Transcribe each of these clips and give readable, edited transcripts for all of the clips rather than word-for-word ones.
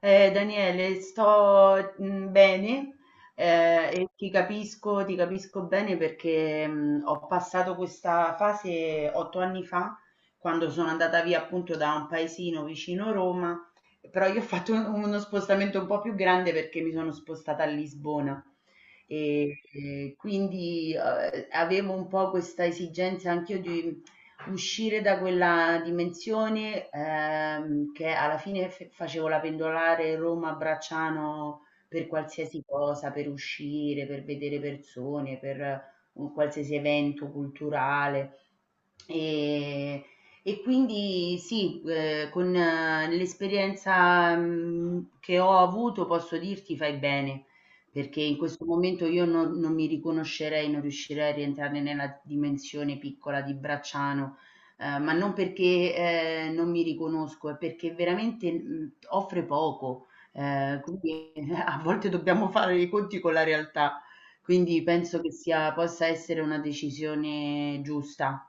Daniele, sto bene, e ti capisco bene perché ho passato questa fase 8 anni fa, quando sono andata via appunto da un paesino vicino Roma. Però io ho fatto uno spostamento un po' più grande perché mi sono spostata a Lisbona. E quindi avevo un po' questa esigenza anch'io di uscire da quella dimensione, che alla fine f facevo la pendolare Roma-Bracciano per qualsiasi cosa, per uscire, per vedere persone, per un qualsiasi evento culturale. Ehm, e quindi sì, con l'esperienza, che ho avuto posso dirti: fai bene, perché in questo momento io non mi riconoscerei, non riuscirei a rientrare nella dimensione piccola di Bracciano. Ma non perché, non mi riconosco, è perché veramente, offre poco, quindi a volte dobbiamo fare i conti con la realtà. Quindi penso che sia possa essere una decisione giusta.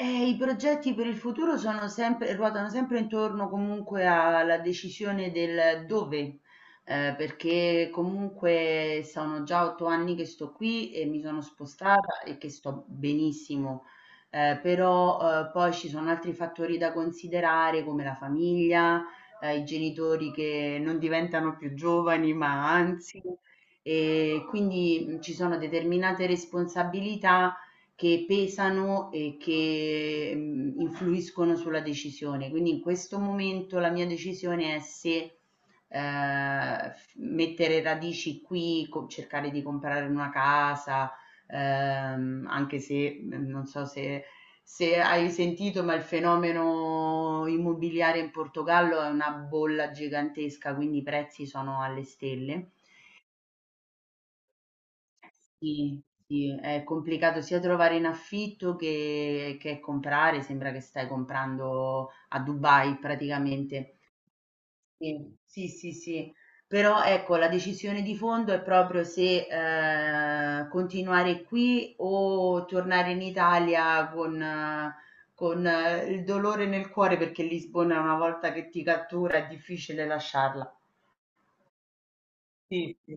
I progetti per il futuro sono sempre ruotano sempre intorno comunque alla decisione del dove, perché comunque sono già 8 anni che sto qui e mi sono spostata e che sto benissimo. Però poi ci sono altri fattori da considerare come la famiglia, i genitori che non diventano più giovani, ma anzi, e quindi ci sono determinate responsabilità che pesano e che influiscono sulla decisione. Quindi in questo momento la mia decisione è se mettere radici qui, cercare di comprare una casa, anche se non so se, se hai sentito, ma il fenomeno immobiliare in Portogallo è una bolla gigantesca, quindi i prezzi sono alle stelle. Sì, sì, è complicato sia trovare in affitto che comprare, sembra che stai comprando a Dubai praticamente. Sì, sì, sì, sì. Però ecco, la decisione di fondo è proprio se continuare qui o tornare in Italia con, il dolore nel cuore perché Lisbona una volta che ti cattura è difficile lasciarla. Sì, sì.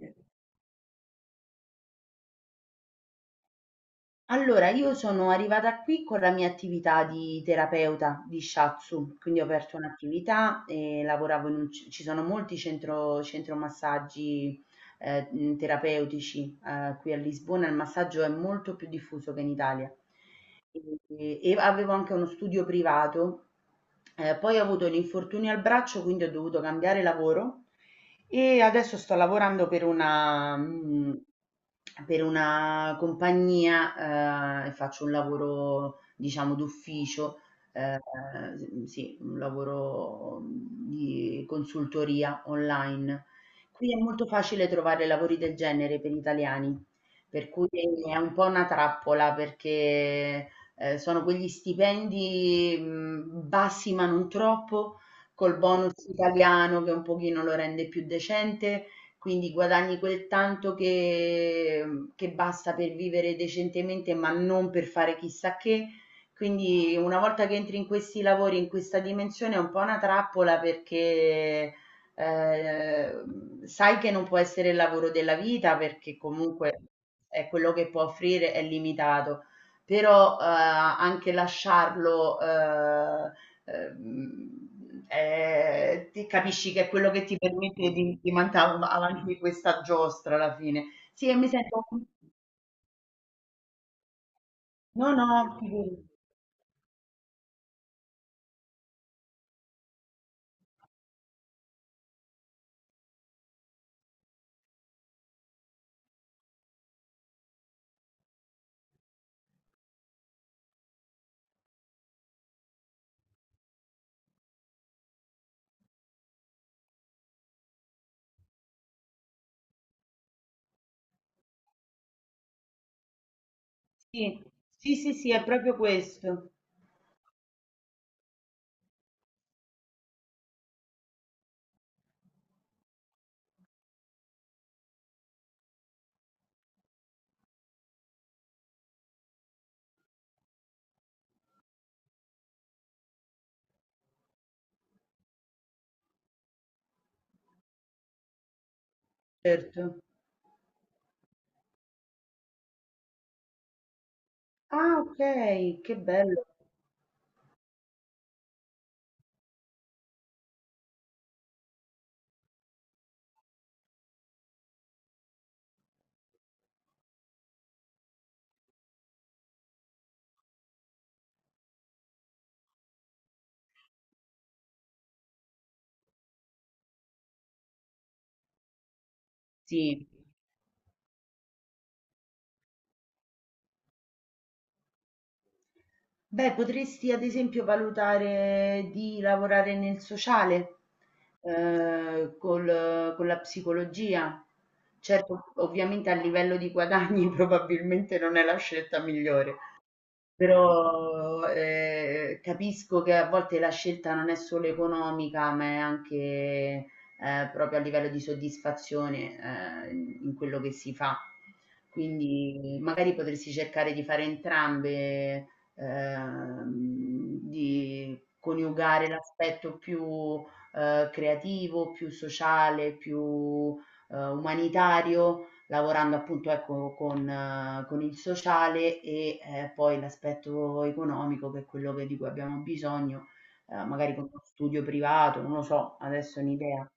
Allora, io sono arrivata qui con la mia attività di terapeuta di shiatsu, quindi ho aperto un'attività e lavoravo in un, ci sono molti centro massaggi terapeutici qui a Lisbona. Il massaggio è molto più diffuso che in Italia. E avevo anche uno studio privato, poi ho avuto un infortunio al braccio, quindi ho dovuto cambiare lavoro e adesso sto lavorando per per una compagnia e faccio un lavoro, diciamo, d'ufficio, eh, sì, un lavoro di consultoria online. Qui è molto facile trovare lavori del genere per italiani, per cui è un po' una trappola perché, sono quegli stipendi, bassi ma non troppo, col bonus italiano che un pochino lo rende più decente, quindi guadagni quel tanto che che basta per vivere decentemente, ma non per fare chissà che. Quindi una volta che entri in questi lavori, in questa dimensione, è un po' una trappola perché sai che non può essere il lavoro della vita, perché comunque è quello che può offrire è limitato. Però anche lasciarlo ti capisci che è quello che ti permette di mandare avanti questa giostra alla fine. Sì, e mi sento... No, no, figurati. Sì, sì, sì, sì, è proprio questo. Certo. Ah, ok, che bello. Sì. Beh, potresti ad esempio valutare di lavorare nel sociale, col con la psicologia. Certo, ovviamente a livello di guadagni probabilmente non è la scelta migliore. Però capisco che a volte la scelta non è solo economica, ma è anche proprio a livello di soddisfazione in quello che si fa. Quindi magari potresti cercare di fare entrambe, ehm, di coniugare l'aspetto più creativo, più sociale, più umanitario, lavorando appunto ecco con il sociale, e poi l'aspetto economico che è quello che di cui abbiamo bisogno, magari con uno studio privato, non lo so, adesso è un'idea.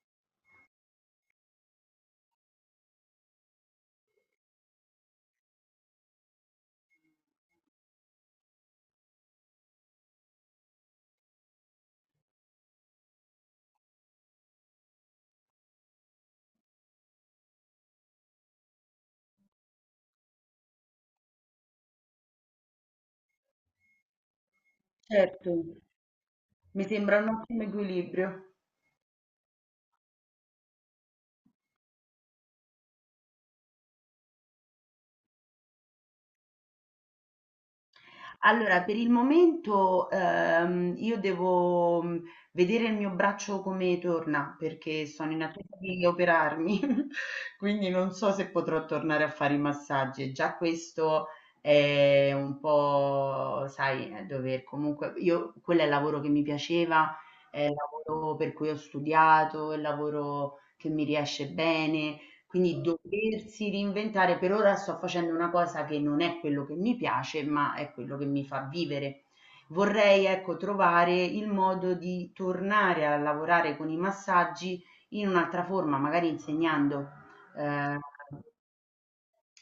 Certo, mi sembra un ottimo equilibrio. Allora, per il momento io devo vedere il mio braccio come torna perché sono in attesa di operarmi, quindi non so se potrò tornare a fare i massaggi. Già questo è un po', sai, dover comunque, io, quello è il lavoro che mi piaceva, è il lavoro per cui ho studiato, è il lavoro che mi riesce bene. Quindi doversi reinventare, per ora sto facendo una cosa che non è quello che mi piace, ma è quello che mi fa vivere. Vorrei, ecco, trovare il modo di tornare a lavorare con i massaggi in un'altra forma, magari insegnando. Eh,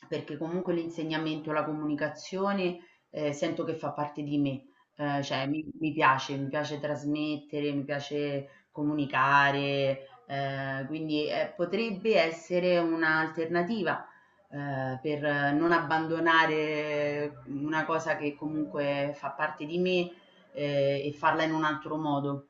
Perché comunque l'insegnamento, la comunicazione, sento che fa parte di me, cioè mi piace trasmettere, mi piace comunicare, quindi, potrebbe essere un'alternativa, per non abbandonare una cosa che comunque fa parte di me, e farla in un altro modo.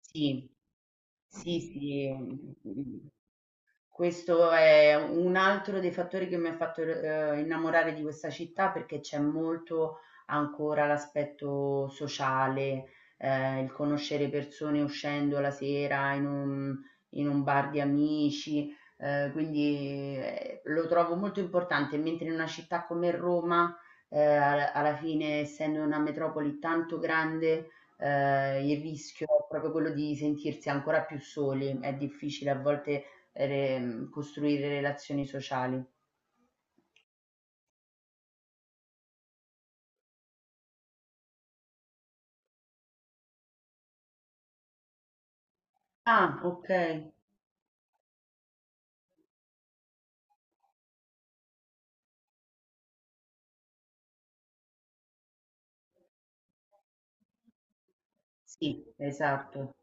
Sì, sì, sì. mhmm Questo è un altro dei fattori che mi ha fatto, innamorare di questa città, perché c'è molto ancora l'aspetto sociale, il conoscere persone uscendo la sera in un bar di amici, quindi, lo trovo molto importante, mentre in una città come Roma, al alla fine essendo una metropoli tanto grande, il rischio è proprio quello di sentirsi ancora più soli. È difficile a volte costruire relazioni sociali. Ah, ok. Sì, esatto.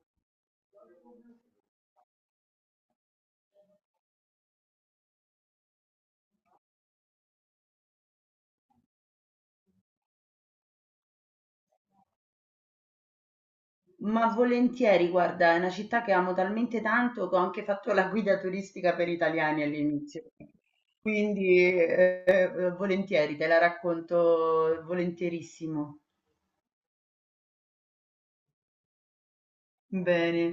Ma volentieri, guarda, è una città che amo talmente tanto che ho anche fatto la guida turistica per italiani all'inizio. Quindi, volentieri, te la racconto volentierissimo. Bene.